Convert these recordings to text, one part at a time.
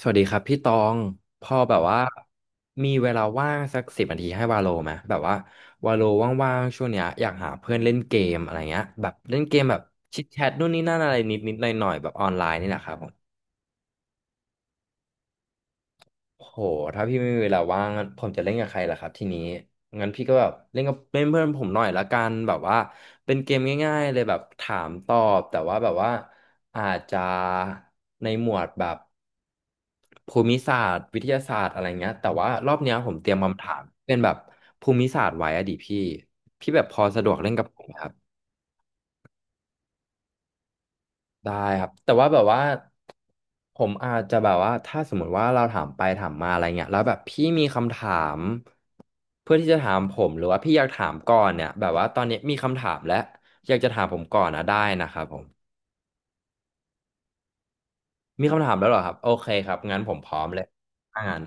สวัสดีครับพี่ตองพอแบบว่ามีเวลาว่างสัก10 นาทีให้วาโลไหมแบบว่าวาโลว่างๆช่วงเนี้ยอยากหาเพื่อนเล่นเกมอะไรเงี้ยแบบเล่นเกมแบบชิดแชทนู่นนี่นั่นอะไรนิดๆหน่อยๆแบบออนไลน์นี่แหละครับผม โหถ้าพี่ไม่มีเวลาว่างผมจะเล่นกับใครล่ะครับทีนี้งั้นพี่ก็แบบเล่นกับเล่นเพื่อนผมหน่อยละกันแบบว่าเป็นเกมง่ายๆเลยแบบถามตอบแต่ว่าแบบว่าอาจจะในหมวดแบบภูมิศาสตร์วิทยาศาสตร์อะไรเงี้ยแต่ว่ารอบเนี้ยผมเตรียมคำถามเป็นแบบภูมิศาสตร์ไว้อะดิพี่พี่แบบพอสะดวกเล่นกับผมไหมครับ ได้ครับแต่ว่าแบบว่าผมอาจจะแบบว่าถ้าสมมติว่าเราถามไปถามมาอะไรเงี้ยแล้วแบบพี่มีคำถามเพื่อที่จะถามผมหรือว่าพี่อยากถามก่อนเนี่ยแบบว่าตอนนี้มีคำถามแล้วอยากจะถามผมก่อนนะได้นะครับผมมีคำถามแล้วเหรอครับโอเคครับงั้นผมพร้อมเลยถ้างั้น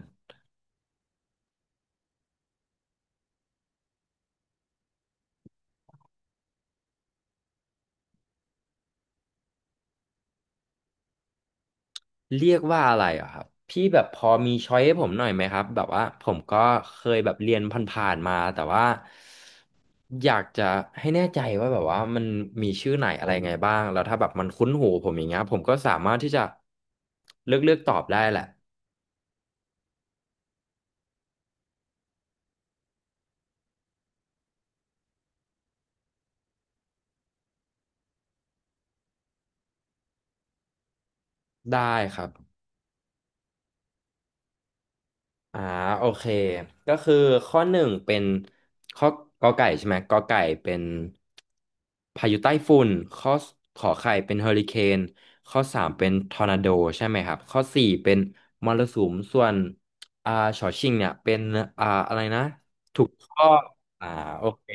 เรียกว่าอะไรเหรอครับพี่แบบพอมีช้อยให้ผมหน่อยไหมครับแบบว่าผมก็เคยแบบเรียนผ่านๆมาแต่ว่าอยากจะให้แน่ใจว่าแบบว่ามันมีชื่อไหนอะไรไงบ้างแล้วถ้าแบบมันคุ้นหูผมอย่างเงี้ยผมก็สามารถที่จะเลือกตอบได้แหละได้ครับ อ่าโอเคก็คือข้อหนึ่งเป็นข้อกอไก่ใช่ไหมกอไก่เป็นพายุใต้ฝุ่นข้อขอไข่เป็นเฮอริเคนข้อสามเป็นทอร์นาโดใช่ไหมครับข้อสี่เป็นมรสุมส่วนอ่าฉอชิงเนี่ยเป็นอะไรนะถูกข้ออ่าโอเค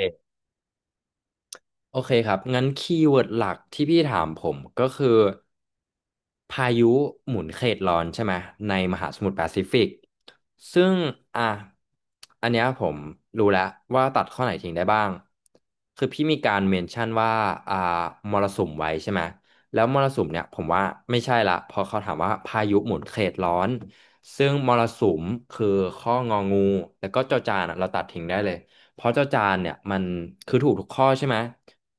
โอเคครับงั้นคีย์เวิร์ดหลักที่พี่ถามผมก็คือพายุหมุนเขตร้อนใช่ไหมในมหาสมุทรแปซิฟิกซึ่งอ่ะอันเนี้ยผมรู้แล้วว่าตัดข้อไหนทิ้งได้บ้างคือพี่มีการเมนชั่นว่าอ่ามรสุมไว้ใช่ไหมแล้วมรสุมเนี่ยผมว่าไม่ใช่ละเพอเขาถามว่าพายุหมุนเขตร้อนซึ่งมรสุมคือข้ององูแล้วก็จอจานอะเราตัดทิ้งได้เลยเพราะเจ้าจานเนี่ยมันคือถูกทุกข้อใช่ไหม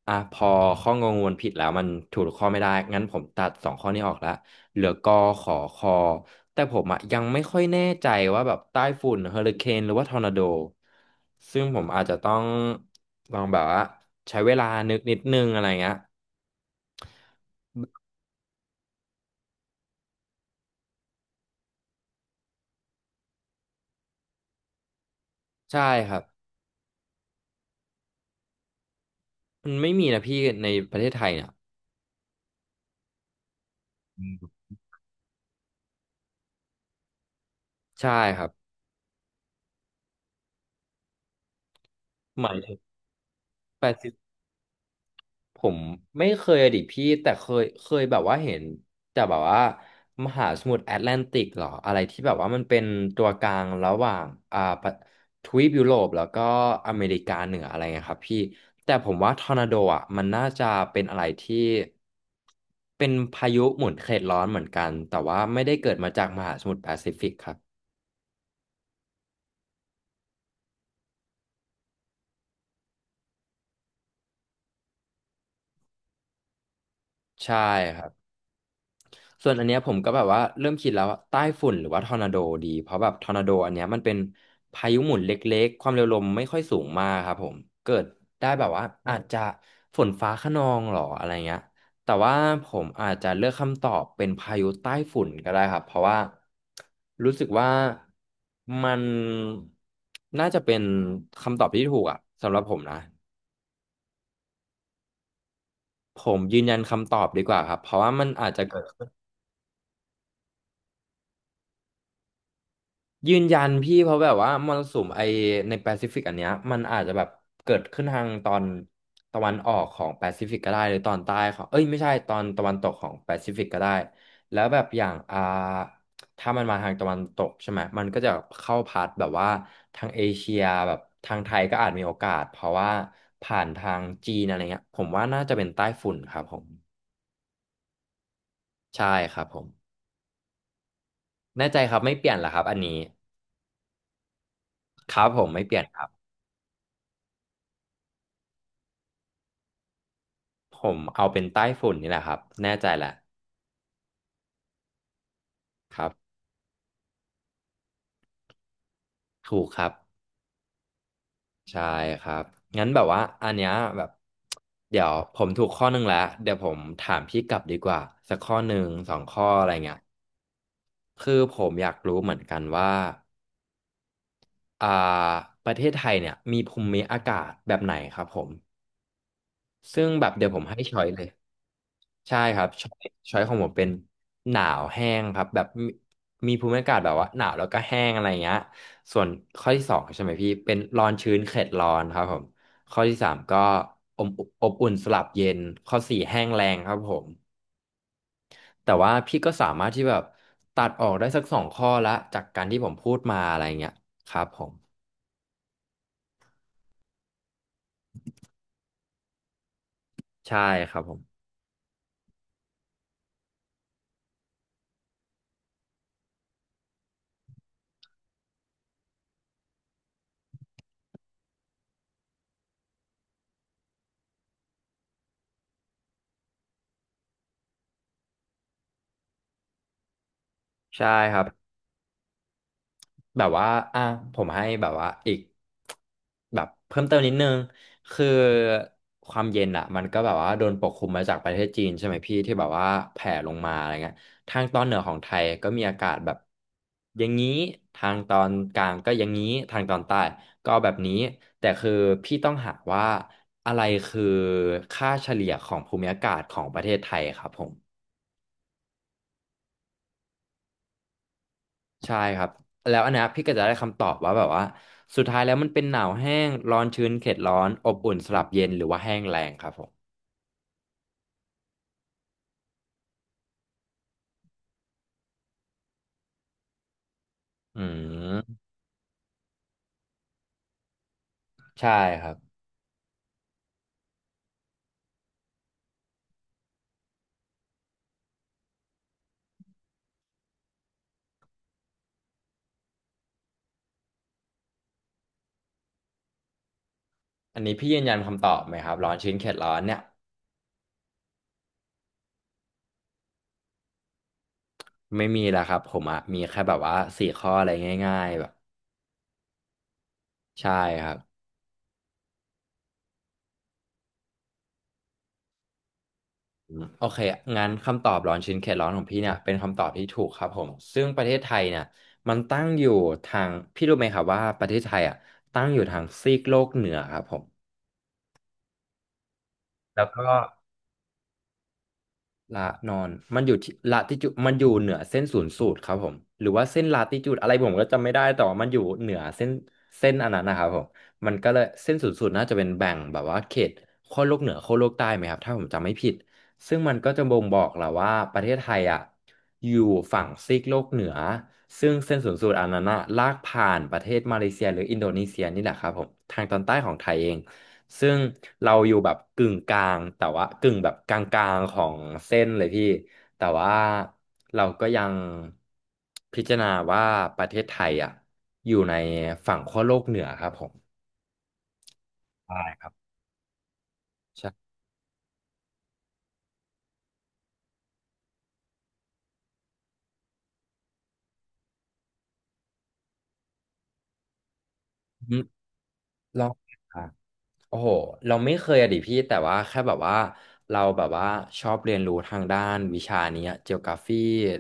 อ่ะพอข้องงวนผิดแล้วมันถูกข้อไม่ได้ งั้นผมตัดสองข้อนี้ออกแล้ว เหลือกอขอคอแต่ผมอะยังไม่ค่อยแน่ใจว่าแบบใต้ฝุ่นเฮอริเคนหรือว่าทอร์นาโด ซึ่งผมอาจจะต้องลองแบบว่าใช้เวลานึกนิดนึงอะไรเงี้ย ใช่ครับ มันไม่มีนะพี่ในประเทศไทยเนี่ย ใช่ครับหมายถึง ผมไม่เคยอะดิพี่แต่เคยแบบว่าเห็นแต่แบบว่ามหาสมุทรแอตแลนติกเหรออะไรที่แบบว่ามันเป็นตัวกลางระหว่างประทวีปยุโรปแล้วก็อเมริกาเหนืออะไรเงี้ยครับพี่แต่ผมว่าทอร์นาโดอ่ะมันน่าจะเป็นอะไรที่เป็นพายุหมุนเขตร้อนเหมือนกันแต่ว่าไม่ได้เกิดมาจากมหาสมุทรแปซิฟิกครับใช่ครับ ส่วนอันเนี้ยผมก็แบบว่าเริ่มคิดแล้วว่าใต้ฝุ่นหรือว่าทอร์นาโดดีเพราะแบบทอร์นาโดอันเนี้ยมันเป็นพายุหมุนเล็กๆความเร็วลมไม่ค่อยสูงมากครับผมเกิดได้แบบว่าอาจจะฝนฟ้าคะนองหรออะไรเงี้ยแต่ว่าผมอาจจะเลือกคำตอบเป็นพายุใต้ฝุ่นก็ได้ครับเพราะว่ารู้สึกว่ามันน่าจะเป็นคำตอบที่ถูกอะสำหรับผมนะผมยืนยันคำตอบดีกว่าครับเพราะว่ามันอาจจะ ยืนยันพี่เพราะแบบว่ามรสุมไอในแปซิฟิกอันเนี้ยมันอาจจะแบบเกิดขึ้นทางตอนตะวันออกของแปซิฟิกก็ได้หรือตอนใต้ของเอ้ยไม่ใช่ตอนตะวันตกของแปซิฟิกก็ได้แล้วแบบอย่างถ้ามันมาทางตะวันตกใช่ไหมมันก็จะเข้าพัดแบบว่าทางเอเชียแบบทางไทยก็อาจมีโอกาสเพราะว่าผ่านทางจีนอะไรเงี้ยผมว่าน่าจะเป็นใต้ฝุ่นครับผมใช่ครับผมแน่ใจครับไม่เปลี่ยนเหรอครับอันนี้ครับผมไม่เปลี่ยนครับ ผมเอาเป็นใต้ฝุ่นนี่แหละครับแน่ใจแหละครับถูกครับใช่ครับงั้นแบบว่าอันเนี้ยแบบเดี๋ยวผมถูกข้อหนึ่งแล้วเดี๋ยวผมถามพี่กลับดีกว่าสักข้อหนึ่งสองข้ออะไรเงี้ยคือผมอยากรู้เหมือนกันว่าอ่าประเทศไทยเนี่ยมีภูมิอากาศแบบไหนครับผมซึ่งแบบเดี๋ยวผมให้ช้อยเลย ใช่ครับช้อยของผมเป็นหนาวแห้งครับแบบมีภูมิอากาศแบบว่าหนาวแล้วก็แห้งอะไรเงี้ยส่วนข้อที่สองใช่ไหมพี่เป็นร้อนชื้นเขตร้อนครับผมข้อที่สามก็อมอบอุ่นสลับเย็นข้อสี่แห้งแรงครับผมแต่ว่าพี่ก็สามารถที่แบบตัดออกได้สักสองข้อละจากการที่ผมพูดมาอะไรเงี้ยครับผมใช่ครับผมใช่ครับ แบบว่าอ่ะผมให้แบบว่าอีกแบบเพิ่มเติมนิดนึงคือความเย็นอ่ะมันก็แบบว่าโดนปกคลุมมาจากประเทศจีนใช่ไหมพี่ที่แบบว่าแผ่ลงมาอะไรเงี้ยทางตอนเหนือของไทยก็มีอากาศแบบอย่างนี้ ทางตอนกลางก็อย่างนี้ทางตอนใต้ก็แบบนี้ แต่คือพี่ต้องหาว่าอะไรคือค่าเฉลี่ยของภูมิอากาศของประเทศไทยครับผม ใช่ครับแล้วอันเนี้ยพี่ก็จะได้คำตอบว่าแบบว่าสุดท้ายแล้วมันเป็นหนาวแห้งร้อนชื้นเขตร้อนอบอุ่นสลับเย็นหรือว่าแห้งแรงครับผมอืมใช่ครับอันนี้พี่ยืนยันคำตอบไหมครับร้อนชื้นเขตร้อนเนี่ยไม่มีแล้วครับผมอะมีแค่แบบว่าสี่ข้ออะไรง่ายๆแบบใช่ครับอืมโอเคงั้นคำตอบร้อนชื้นเขตร้อนของพี่เนี่ยเป็นคำตอบที่ถูกครับผมซึ่งประเทศไทยเนี่ยมันตั้งอยู่ทางพี่รู้ไหมครับว่าประเทศไทยอ่ะตั้งอยู่ทางซีกโลกเหนือครับผมแล้วก็ ละนอนมันอยู่ที่ละติจูดมันอยู่เหนือเส้นศูนย์สูตรครับผมหรือว่าเส้นลาติจูดอะไรผมก็จำไม่ได้แต่ว่ามันอยู่เหนือเส้นอันนั้นนะครับผมมันก็เลยเส้นศูนย์สูตรน่าจะเป็นแบ่งแบบว่าเขตขั้วโลกเหนือขั้วโลกใต้ไหมครับถ้าผมจำไม่ผิดซึ่งมันก็จะบ่งบอกแหละว่าประเทศไทยอ่ะอยู่ฝั่งซีกโลกเหนือซึ่งเส้นศูนย์สูตรอันนั้นอะลากผ่านประเทศมาเลเซียหรืออินโดนีเซียนี่แหละครับผมทางตอนใต้ของไทยเอง ซึ่งเราอยู่แบบกึ่งกลางแต่ว่ากึ่งแบบกลางๆของเส้นเลยพี่แต่ว่าเราก็ยังพิจารณาว่าประเทศไทยอ่ะอยู่ในฝั่งขั้วโลกเหนือครับผมได้ครับใช่อืมลองอ่ะโอ้โหเราไม่เคยอะดิพี่แต่ว่าแค่แบบว่าเราแบบว่าชอบเรียนรู้ทางด้านวิชานี้เจีโอกราฟี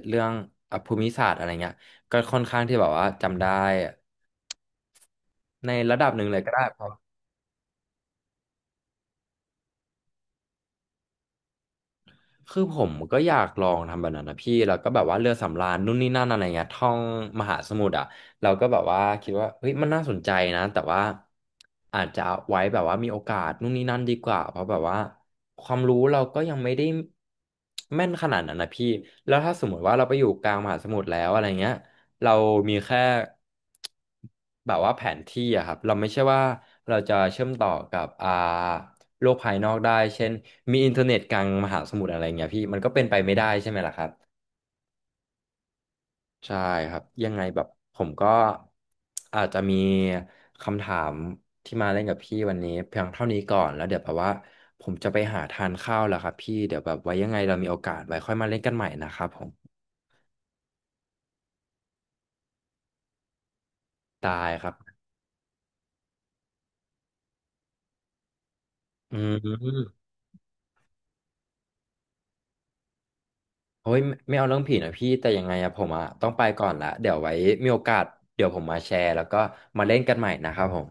เรื่องภูมิศาสตร์อะไรเงี้ยก็ค่อนข้างที่แบบว่าจำได้ในระดับหนึ่งเลยก็ได้ คือผมก็อยากลองทำแบบนั้นนะพี่แล้วก็แบบว่าเรือสำราญนู่นนี่นั่นอะไรเงี้ยท่องมหาสมุทรอ่ะเราก็แบบว่าคิดว่าเฮ้ยมันน่าสนใจนะแต่ว่าอาจจะเอาไว้แบบว่ามีโอกาสนู่นนี่นั่นดีกว่าเพราะแบบว่าความรู้เราก็ยังไม่ได้แม่นขนาดนั้นนะพี่แล้วถ้าสมมติว่าเราไปอยู่กลางมหาสมุทรแล้วอะไรเงี้ยเรามีแค่แบบว่าแผนที่อะครับเราไม่ใช่ว่าเราจะเชื่อมต่อกับโลกภายนอกได้เช่นมีอินเทอร์เน็ตกลางมหาสมุทรอะไรเงี้ยพี่มันก็เป็นไปไม่ได้ใช่ไหมล่ะครับใช่ครับยังไงแบบผมก็อาจจะมีคำถามที่มาเล่นกับพี่วันนี้เพียงเท่านี้ก่อนแล้วเดี๋ยวแบบว่าผมจะไปหาทานข้าวแล้วครับพี่เดี๋ยวแบบไว้ยังไงเรามีโอกาสไว้ค่อยมาเล่นกันใหม่นะครับผมได้ครับอืมโอ้ยไม่เอาเรื่องผีนะพี่แต่ยังไงอะผมอะต้องไปก่อนละเดี๋ยวไว้มีโอกาสเดี๋ยวผมมาแชร์แล้วก็มาเล่นกันใหม่นะครับผม